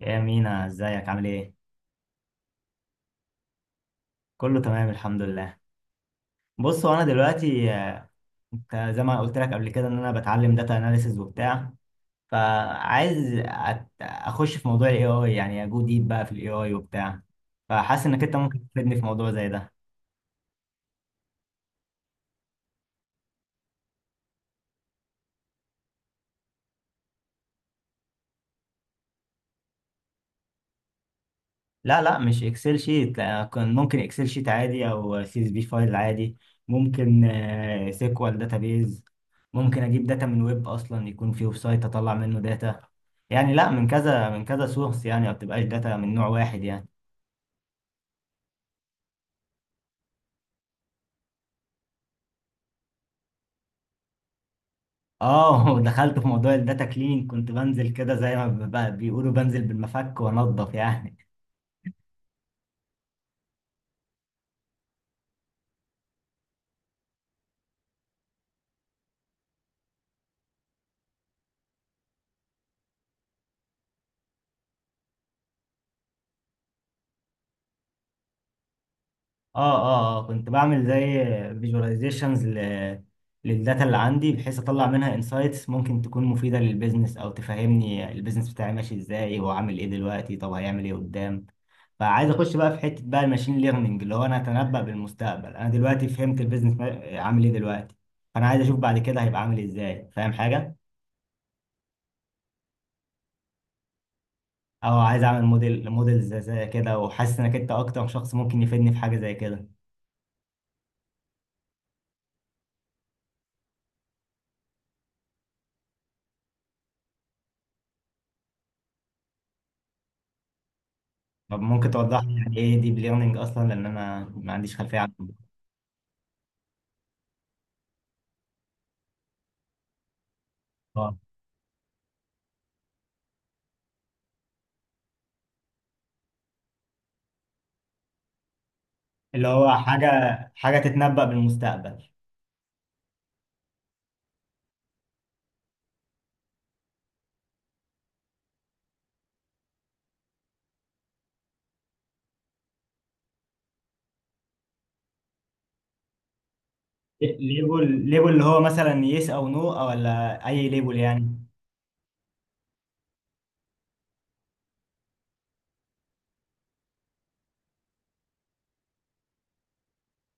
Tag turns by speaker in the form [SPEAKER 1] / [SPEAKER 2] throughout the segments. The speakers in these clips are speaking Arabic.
[SPEAKER 1] يا مينا ازيك عامل ايه؟ كله تمام الحمد لله. بص هو انا دلوقتي انت زي ما قلت لك قبل كده ان انا بتعلم داتا اناليسز وبتاع. فعايز اخش في موضوع الاي اي، يعني اجو ديب بقى في الاي اي وبتاع. فحاسس انك انت ممكن تفيدني في موضوع زي ده. لا مش اكسل شيت لا، كان ممكن اكسل شيت عادي او سي اس بي فايل عادي. ممكن سيكوال داتابيز. ممكن اجيب داتا من ويب اصلا، يكون في ويب سايت اطلع منه داتا. يعني لا، من كذا من كذا سورس، يعني ما بتبقاش داتا من نوع واحد يعني. اه دخلت في موضوع الداتا كليننج، كنت بنزل كده زي ما بيقولوا بنزل بالمفك وانضف يعني. كنت بعمل زي فيجواليزيشنز للداتا اللي عندي، بحيث اطلع منها انسايتس ممكن تكون مفيده للبيزنس، او تفهمني البيزنس بتاعي ماشي ازاي، هو عامل ايه دلوقتي، طب هيعمل ايه قدام. فعايز اخش بقى في حته بقى الماشين ليرنينج، اللي هو انا اتنبأ بالمستقبل. انا دلوقتي فهمت البيزنس عامل ايه دلوقتي، فانا عايز اشوف بعد كده هيبقى عامل ازاي. فاهم حاجه؟ او عايز اعمل موديل زي كده، وحاسس انك انت اكتر شخص ممكن يفيدني في حاجه زي كده. طب ممكن توضح لي يعني ايه ديب ليرنينج اصلا، لان انا ما عنديش خلفيه عنه. اه. اللي هو حاجه تتنبأ بالمستقبل. ليبل ليبل اللي هو مثلا يس او نو، او ولا اي ليبل يعني.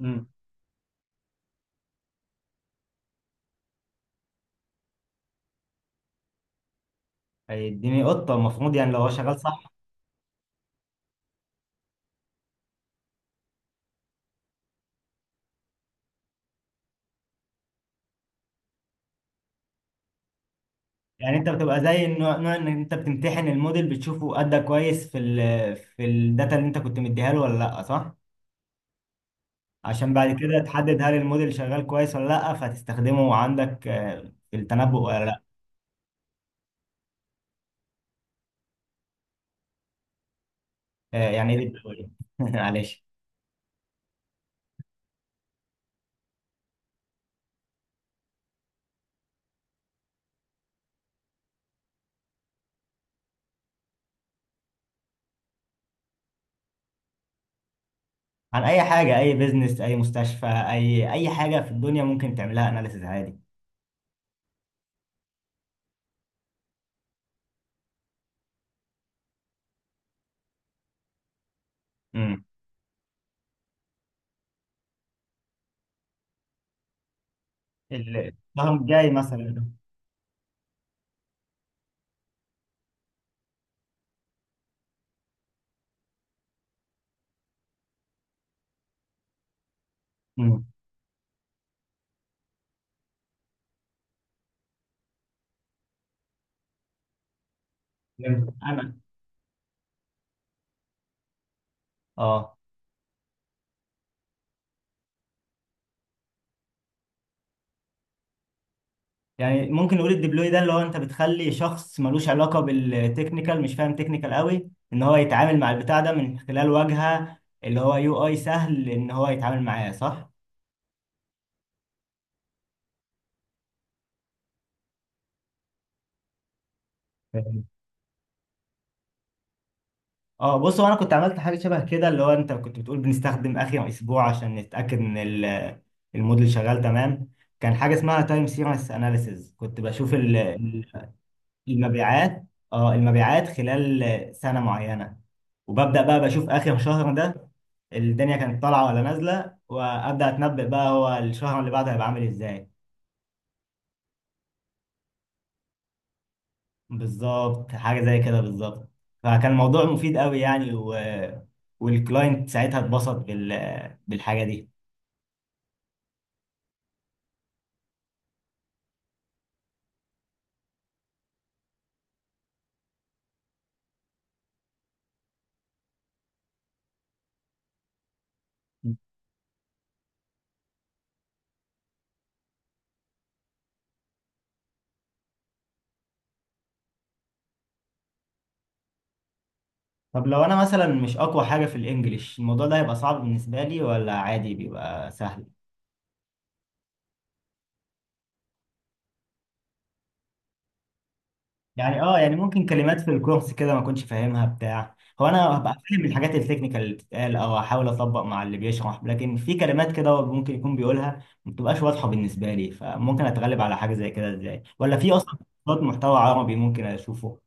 [SPEAKER 1] امم. هيديني قطه المفروض، يعني لو هو شغال صح. يعني انت بتبقى زي النوع ان انت بتمتحن الموديل، بتشوفه ادى كويس في في الداتا اللي انت كنت مديها له ولا لا، صح؟ عشان بعد كده تحدد هل الموديل شغال كويس ولا لا، فتستخدمه عندك في التنبؤ ولا لا. يعني ايه ديب ليرنينج؟ معلش. عن اي حاجه، اي بيزنس، اي مستشفى، اي اي حاجه في الدنيا ممكن تعملها اناليسز عادي. امم. الشهر الجاي مثلا. امم. فهمت. انا اه. يعني ممكن نقول الديبلوي ده اللي هو انت بتخلي شخص ملوش علاقه بالتكنيكال، مش فاهم تكنيكال قوي، ان هو يتعامل مع البتاع ده من خلال واجهه، اللي هو يو اي سهل ان هو يتعامل معاه، صح؟ اه. بص هو انا كنت عملت حاجه شبه كده، اللي هو انت كنت بتقول بنستخدم اخر اسبوع عشان نتاكد ان الموديل شغال تمام. كان حاجه اسمها تايم سيريس اناليسيز، كنت بشوف المبيعات. اه، المبيعات خلال سنه معينه، وببدا بقى بشوف اخر شهر ده الدنيا كانت طالعه ولا نازله، وابدا اتنبأ بقى هو الشهر اللي بعده هيبقى عامل ازاي. بالظبط، حاجه زي كده بالظبط. فكان الموضوع مفيد قوي يعني، والكلاينت ساعتها اتبسط بالحاجه دي. طب لو انا مثلا مش اقوى حاجة في الانجليش، الموضوع ده هيبقى صعب بالنسبة لي ولا عادي بيبقى سهل؟ يعني اه، يعني ممكن كلمات في الكورس كده ما كنتش فاهمها بتاع. هو انا هبقى فاهم الحاجات التكنيكال اللي بتتقال، او احاول اطبق مع اللي بيشرح، لكن في كلمات كده هو ممكن يكون بيقولها ما بتبقاش واضحة بالنسبة لي. فممكن اتغلب على حاجة زي كده ازاي، ولا في اصلا كورسات محتوى عربي ممكن اشوفه؟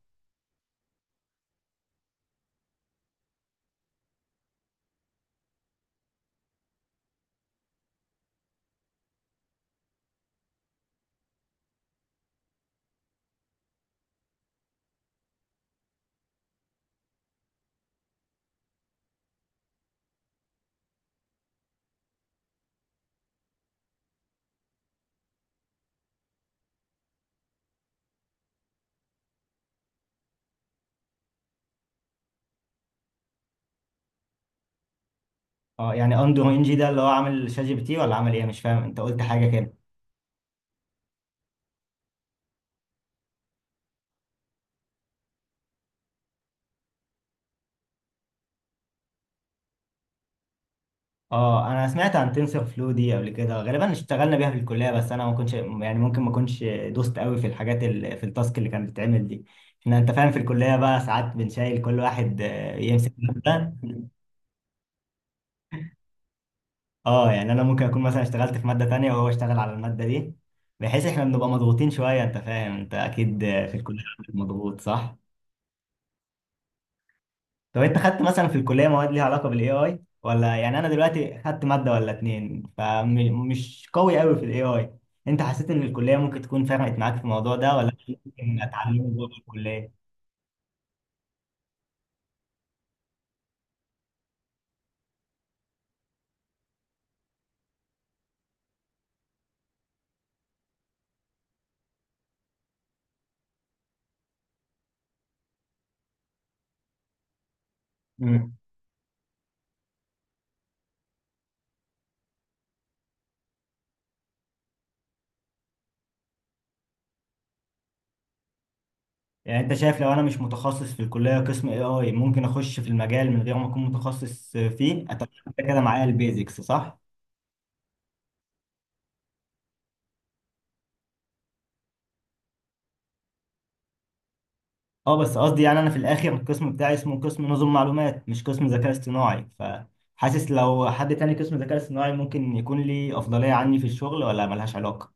[SPEAKER 1] اه، يعني اندرو انجي ده اللي هو عامل شات جي بي تي ولا عامل ايه؟ مش فاهم، انت قلت حاجة كده. اه، انا سمعت عن تنسر فلو دي قبل كده، غالبا اشتغلنا بيها في الكليه، بس انا ما كنتش يعني، ممكن ما كنتش دوست قوي في في التاسك اللي كانت بتتعمل دي. احنا انت فاهم في الكليه بقى ساعات بنشيل كل واحد يمسك ماده. اه، يعني انا ممكن اكون مثلا اشتغلت في ماده تانية وهو اشتغل على الماده دي، بحيث احنا بنبقى مضغوطين شويه. انت فاهم، انت اكيد في الكليه مضغوط، صح؟ طب انت خدت مثلا في الكليه مواد ليها علاقه بالاي اي ولا؟ يعني انا دلوقتي خدت ماده ولا اتنين، فمش قوي قوي في الاي اي. انت حسيت ان الكليه ممكن تكون فرقت معاك في الموضوع ده، ولا ممكن اتعلمه جوه الكليه؟ مم. يعني انت شايف لو انا مش متخصص في الكليه قسم اي اي ممكن اخش في المجال من غير ما اكون متخصص فيه، اتعلم كده معايا البيزكس، صح؟ اه، بس قصدي يعني انا في الاخر القسم بتاعي اسمه قسم نظم معلومات، مش قسم ذكاء اصطناعي، فحاسس لو حد تاني قسم ذكاء اصطناعي ممكن يكون لي افضلية عني في الشغل، ولا ملهاش علاقة؟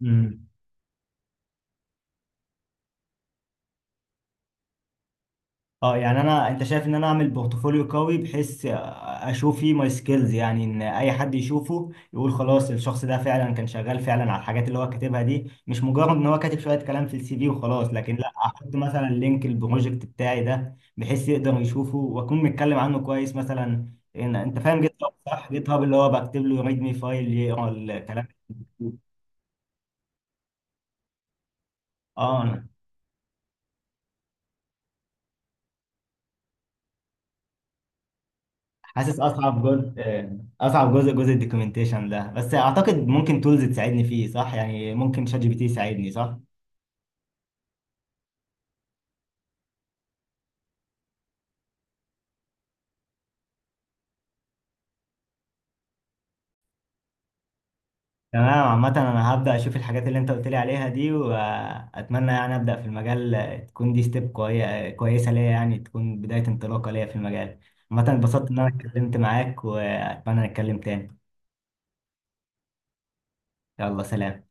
[SPEAKER 1] مم. اه، يعني انا انت شايف ان انا اعمل بورتفوليو قوي بحيث اشوف فيه ماي سكيلز، يعني ان اي حد يشوفه يقول خلاص الشخص ده فعلا كان شغال فعلا على الحاجات اللي هو كاتبها دي، مش مجرد ان هو كاتب شوية كلام في السي في وخلاص. لكن لا، احط مثلا لينك البروجكت بتاعي ده بحيث يقدر يشوفه، واكون متكلم عنه كويس مثلا، إن انت فاهم جيت هاب، صح؟ جيت هاب اللي هو بكتب له ريد مي فايل يقرا الكلام. اه. حاسس اصعب جزء، اصعب جزء الدوكيومنتيشن ده، بس اعتقد ممكن تولز تساعدني فيه، صح؟ يعني ممكن شات جي بي تي يساعدني، صح؟ تمام. عامة انا هبدأ اشوف الحاجات اللي انت قلت لي عليها دي، واتمنى يعني ابدأ في المجال. تكون دي ستيب كويسة ليا، يعني تكون بداية انطلاقة ليا في المجال. عامة اتبسطت ان انا اتكلمت معاك، واتمنى نتكلم تاني. يلا سلام.